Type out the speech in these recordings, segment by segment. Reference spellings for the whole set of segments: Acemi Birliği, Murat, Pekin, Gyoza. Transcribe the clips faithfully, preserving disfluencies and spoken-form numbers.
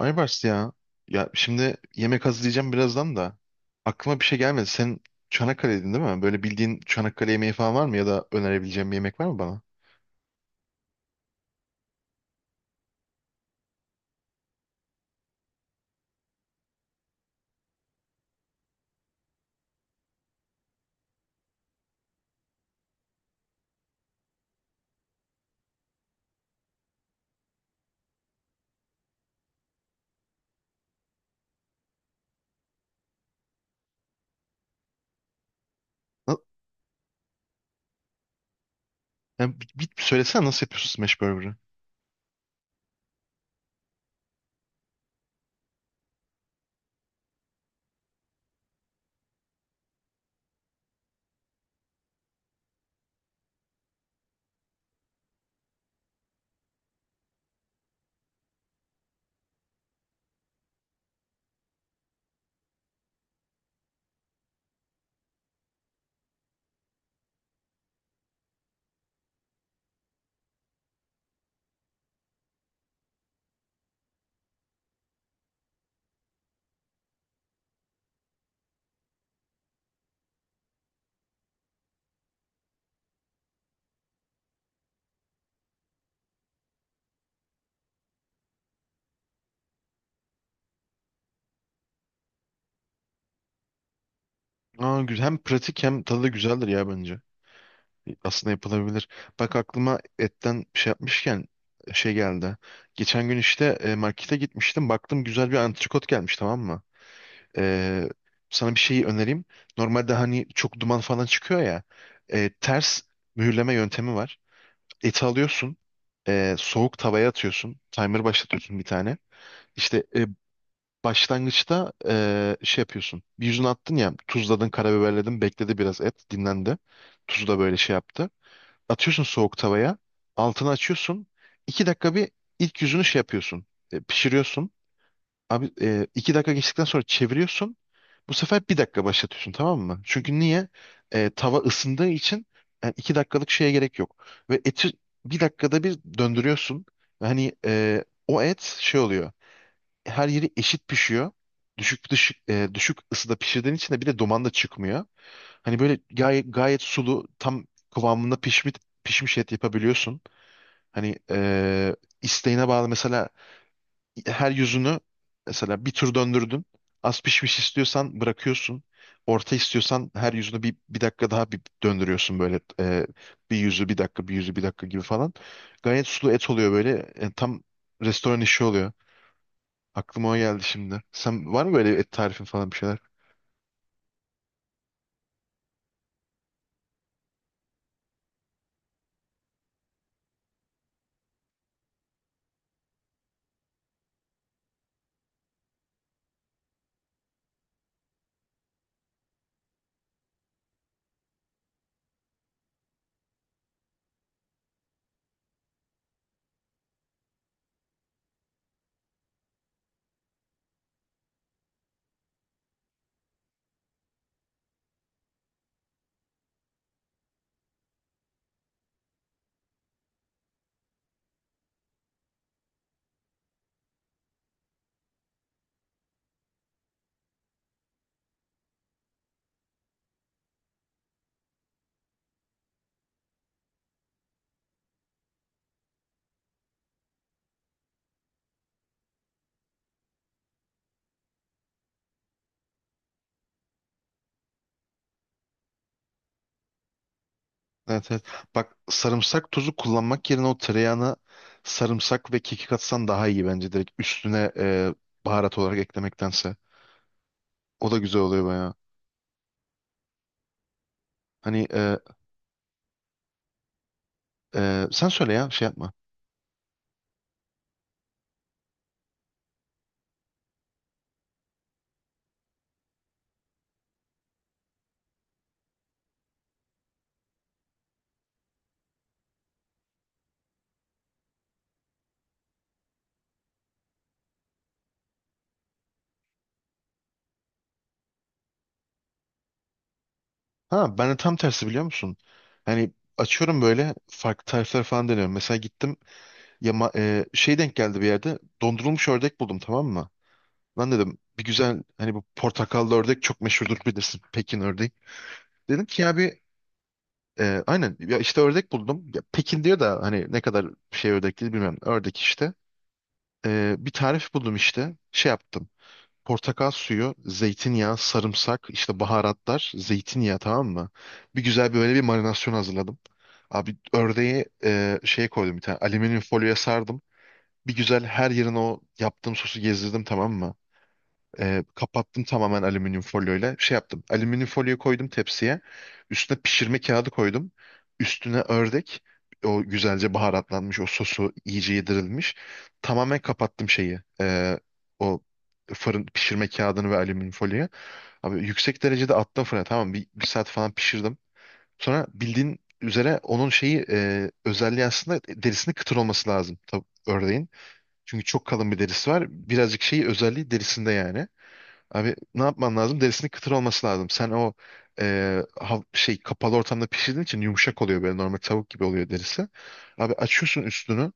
Aybars ya. Ya şimdi yemek hazırlayacağım birazdan da. Aklıma bir şey gelmedi. Sen Çanakkale'ydin değil mi? Böyle bildiğin Çanakkale yemeği falan var mı? Ya da önerebileceğim bir yemek var mı bana? Na- Ya, bir, bir söylesene nasıl yapıyorsun smash burger'ı? Aa, güzel. Hem pratik hem tadı da güzeldir ya bence. Aslında yapılabilir. Bak aklıma etten bir şey yapmışken şey geldi. Geçen gün işte e, markete gitmiştim. Baktım güzel bir antrikot gelmiş tamam mı? E, Sana bir şeyi önereyim. Normalde hani çok duman falan çıkıyor ya. E, ters mühürleme yöntemi var. Eti alıyorsun. E, soğuk tavaya atıyorsun. Timer başlatıyorsun bir tane. İşte e, başlangıçta e, şey yapıyorsun. Bir yüzüne attın ya tuzladın, karabiberledin. Bekledi biraz et dinlendi. Tuzu da böyle şey yaptı, atıyorsun soğuk tavaya. Altını açıyorsun. İki dakika bir ilk yüzünü şey yapıyorsun. E, pişiriyorsun. Abi e, iki dakika geçtikten sonra çeviriyorsun. Bu sefer bir dakika başlatıyorsun tamam mı? Çünkü niye? E, tava ısındığı için yani iki dakikalık şeye gerek yok. Ve eti bir dakikada bir döndürüyorsun. Hani e, o et şey oluyor, her yeri eşit pişiyor. Düşük düşük e, düşük ısıda pişirdiğin için de bir de duman da çıkmıyor. Hani böyle gayet gayet sulu tam kıvamında pişmiş pişmiş et yapabiliyorsun. Hani e, isteğine bağlı mesela, her yüzünü, mesela bir tur döndürdün. Az pişmiş istiyorsan bırakıyorsun. Orta istiyorsan her yüzünü bir, bir dakika daha bir döndürüyorsun böyle e, bir yüzü bir dakika bir yüzü bir dakika gibi falan. Gayet sulu et oluyor böyle. E, tam restoran işi oluyor. Aklıma o geldi şimdi. Sen var mı böyle et tarifin falan bir şeyler? Evet, evet. Bak, sarımsak tozu kullanmak yerine o tereyağına sarımsak ve kekik atsan daha iyi bence. Direkt üstüne e, baharat olarak eklemektense. O da güzel oluyor bayağı. Hani e, e, sen söyle ya şey yapma. Ha, ben de tam tersi, biliyor musun? Yani açıyorum böyle farklı tarifler falan deniyorum. Mesela gittim ya ma- e, şey, denk geldi bir yerde dondurulmuş ördek buldum tamam mı? Lan dedim bir güzel, hani bu portakallı ördek çok meşhurdur bilirsin, Pekin ördeği. Dedim ki ya bir e, aynen ya işte ördek buldum. Ya Pekin diyor da hani ne kadar şey ördek değil bilmiyorum. Ördek işte. E, bir tarif buldum işte. Şey yaptım. Portakal suyu, zeytinyağı, sarımsak, işte baharatlar, zeytinyağı, tamam mı? Bir güzel böyle bir marinasyon hazırladım. Abi ördeği e, şeye koydum, bir tane alüminyum folyoya sardım. Bir güzel her yerine o yaptığım sosu gezdirdim tamam mı? E, kapattım tamamen alüminyum folyoyla. Şey yaptım. Alüminyum folyoyu koydum tepsiye. Üstüne pişirme kağıdı koydum. Üstüne ördek. O güzelce baharatlanmış. O sosu iyice yedirilmiş. Tamamen kapattım şeyi. E, o fırın pişirme kağıdını ve alüminyum folyoyu. Abi yüksek derecede attım fırına. Tamam, bir, bir saat falan pişirdim. Sonra bildiğin üzere onun şeyi e, özelliği aslında derisinin kıtır olması lazım. Tabii ördeğin. Çünkü çok kalın bir derisi var. Birazcık şeyi özelliği derisinde yani. Abi ne yapman lazım? Derisinin kıtır olması lazım. Sen o e, hav- şey, kapalı ortamda pişirdiğin için yumuşak oluyor, böyle normal tavuk gibi oluyor derisi. Abi açıyorsun üstünü.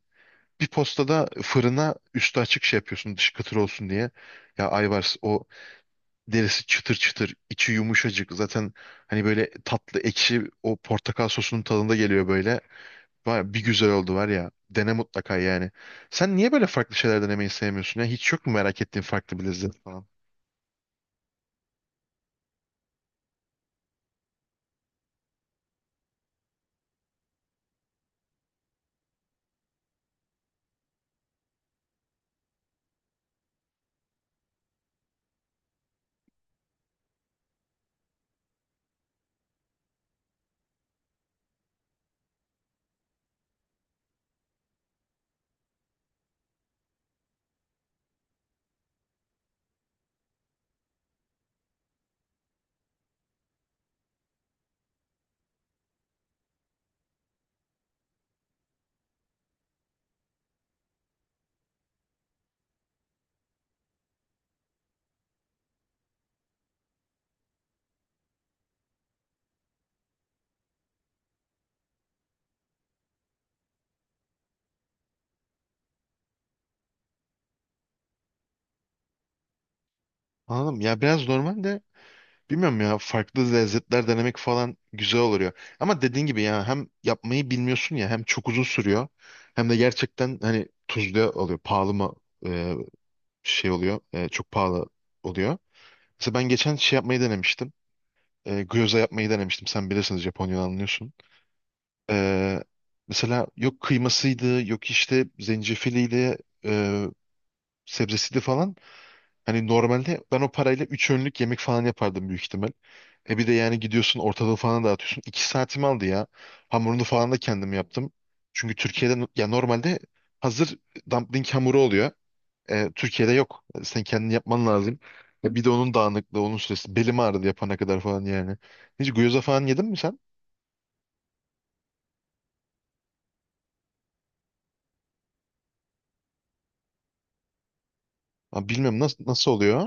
Bir postada fırına üstü açık şey yapıyorsun, dışı kıtır olsun diye. Ya Ayvars, o derisi çıtır çıtır, içi yumuşacık. Zaten hani böyle tatlı ekşi o portakal sosunun tadında geliyor böyle. Var, bir güzel oldu var ya. Dene mutlaka yani. Sen niye böyle farklı şeyler denemeyi sevmiyorsun ya? Hiç yok mu merak ettiğin farklı bir lezzet falan? Anladım. Ya biraz normal de, bilmiyorum ya, farklı lezzetler denemek falan güzel oluyor. Ama dediğin gibi ya hem yapmayı bilmiyorsun ya hem çok uzun sürüyor, hem de gerçekten hani tuzlu oluyor, pahalı mı e, şey oluyor, e, çok pahalı oluyor. Mesela ben geçen şey yapmayı denemiştim. E, Gyoza yapmayı denemiştim. Sen bilirsiniz, Japonya'dan anlıyorsun. E, Mesela yok kıymasıydı, yok işte zencefiliyle e, sebzesiydi falan. Hani normalde ben o parayla üç önlük yemek falan yapardım büyük ihtimal. E bir de yani gidiyorsun, ortalığı falan dağıtıyorsun. iki saatimi aldı ya. Hamurunu falan da kendim yaptım. Çünkü Türkiye'de no- ya, normalde hazır dumpling hamuru oluyor. E, Türkiye'de yok. E, Sen kendin yapman lazım. E, bir de onun dağınıklığı, onun süresi. Belim ağrıdı yapana kadar falan yani. Hiç gyoza falan yedin mi sen? Ha, bilmiyorum, nasıl, nasıl oluyor?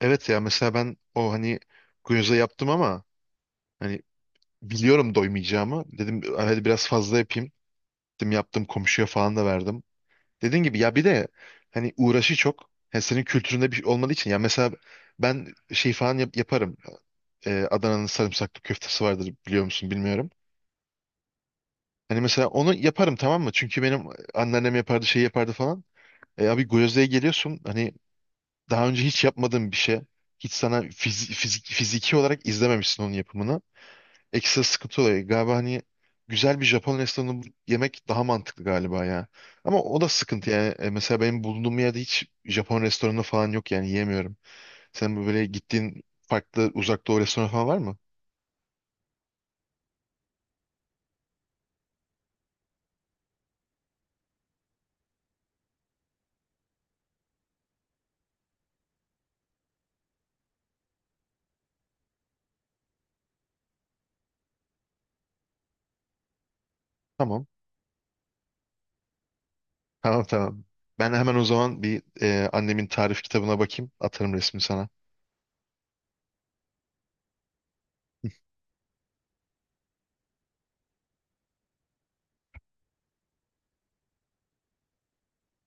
Evet ya, mesela ben o hani gyoza yaptım ama hani biliyorum doymayacağımı. Dedim hadi biraz fazla yapayım. Gittim yaptım, komşuya falan da verdim. Dediğin gibi ya, bir de hani uğraşı çok. Yani senin kültüründe bir şey olmadığı için ya, mesela ben şey falan yap- yaparım. Ee, Adana'nın sarımsaklı köftesi vardır, biliyor musun bilmiyorum. Hani mesela onu yaparım tamam mı? Çünkü benim anneannem yapardı, şey yapardı falan. E abi Gyozda'ya geliyorsun, hani daha önce hiç yapmadığın bir şey. Hiç sana fizi- fizik- fiziki olarak izlememişsin onun yapımını. Ekstra sıkıntı olayı galiba. Hani güzel bir Japon restoranında bu yemek daha mantıklı galiba ya. Ama o da sıkıntı yani. E, mesela benim bulunduğum yerde hiç Japon restoranı falan yok, yani yiyemiyorum. Sen böyle gittiğin farklı uzak doğu restoranı falan var mı? Tamam. Tamam tamam. Ben hemen o zaman bir e, annemin tarif kitabına bakayım. Atarım resmi sana.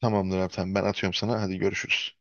Tamamdır abi, tamam. Ben atıyorum sana. Hadi görüşürüz.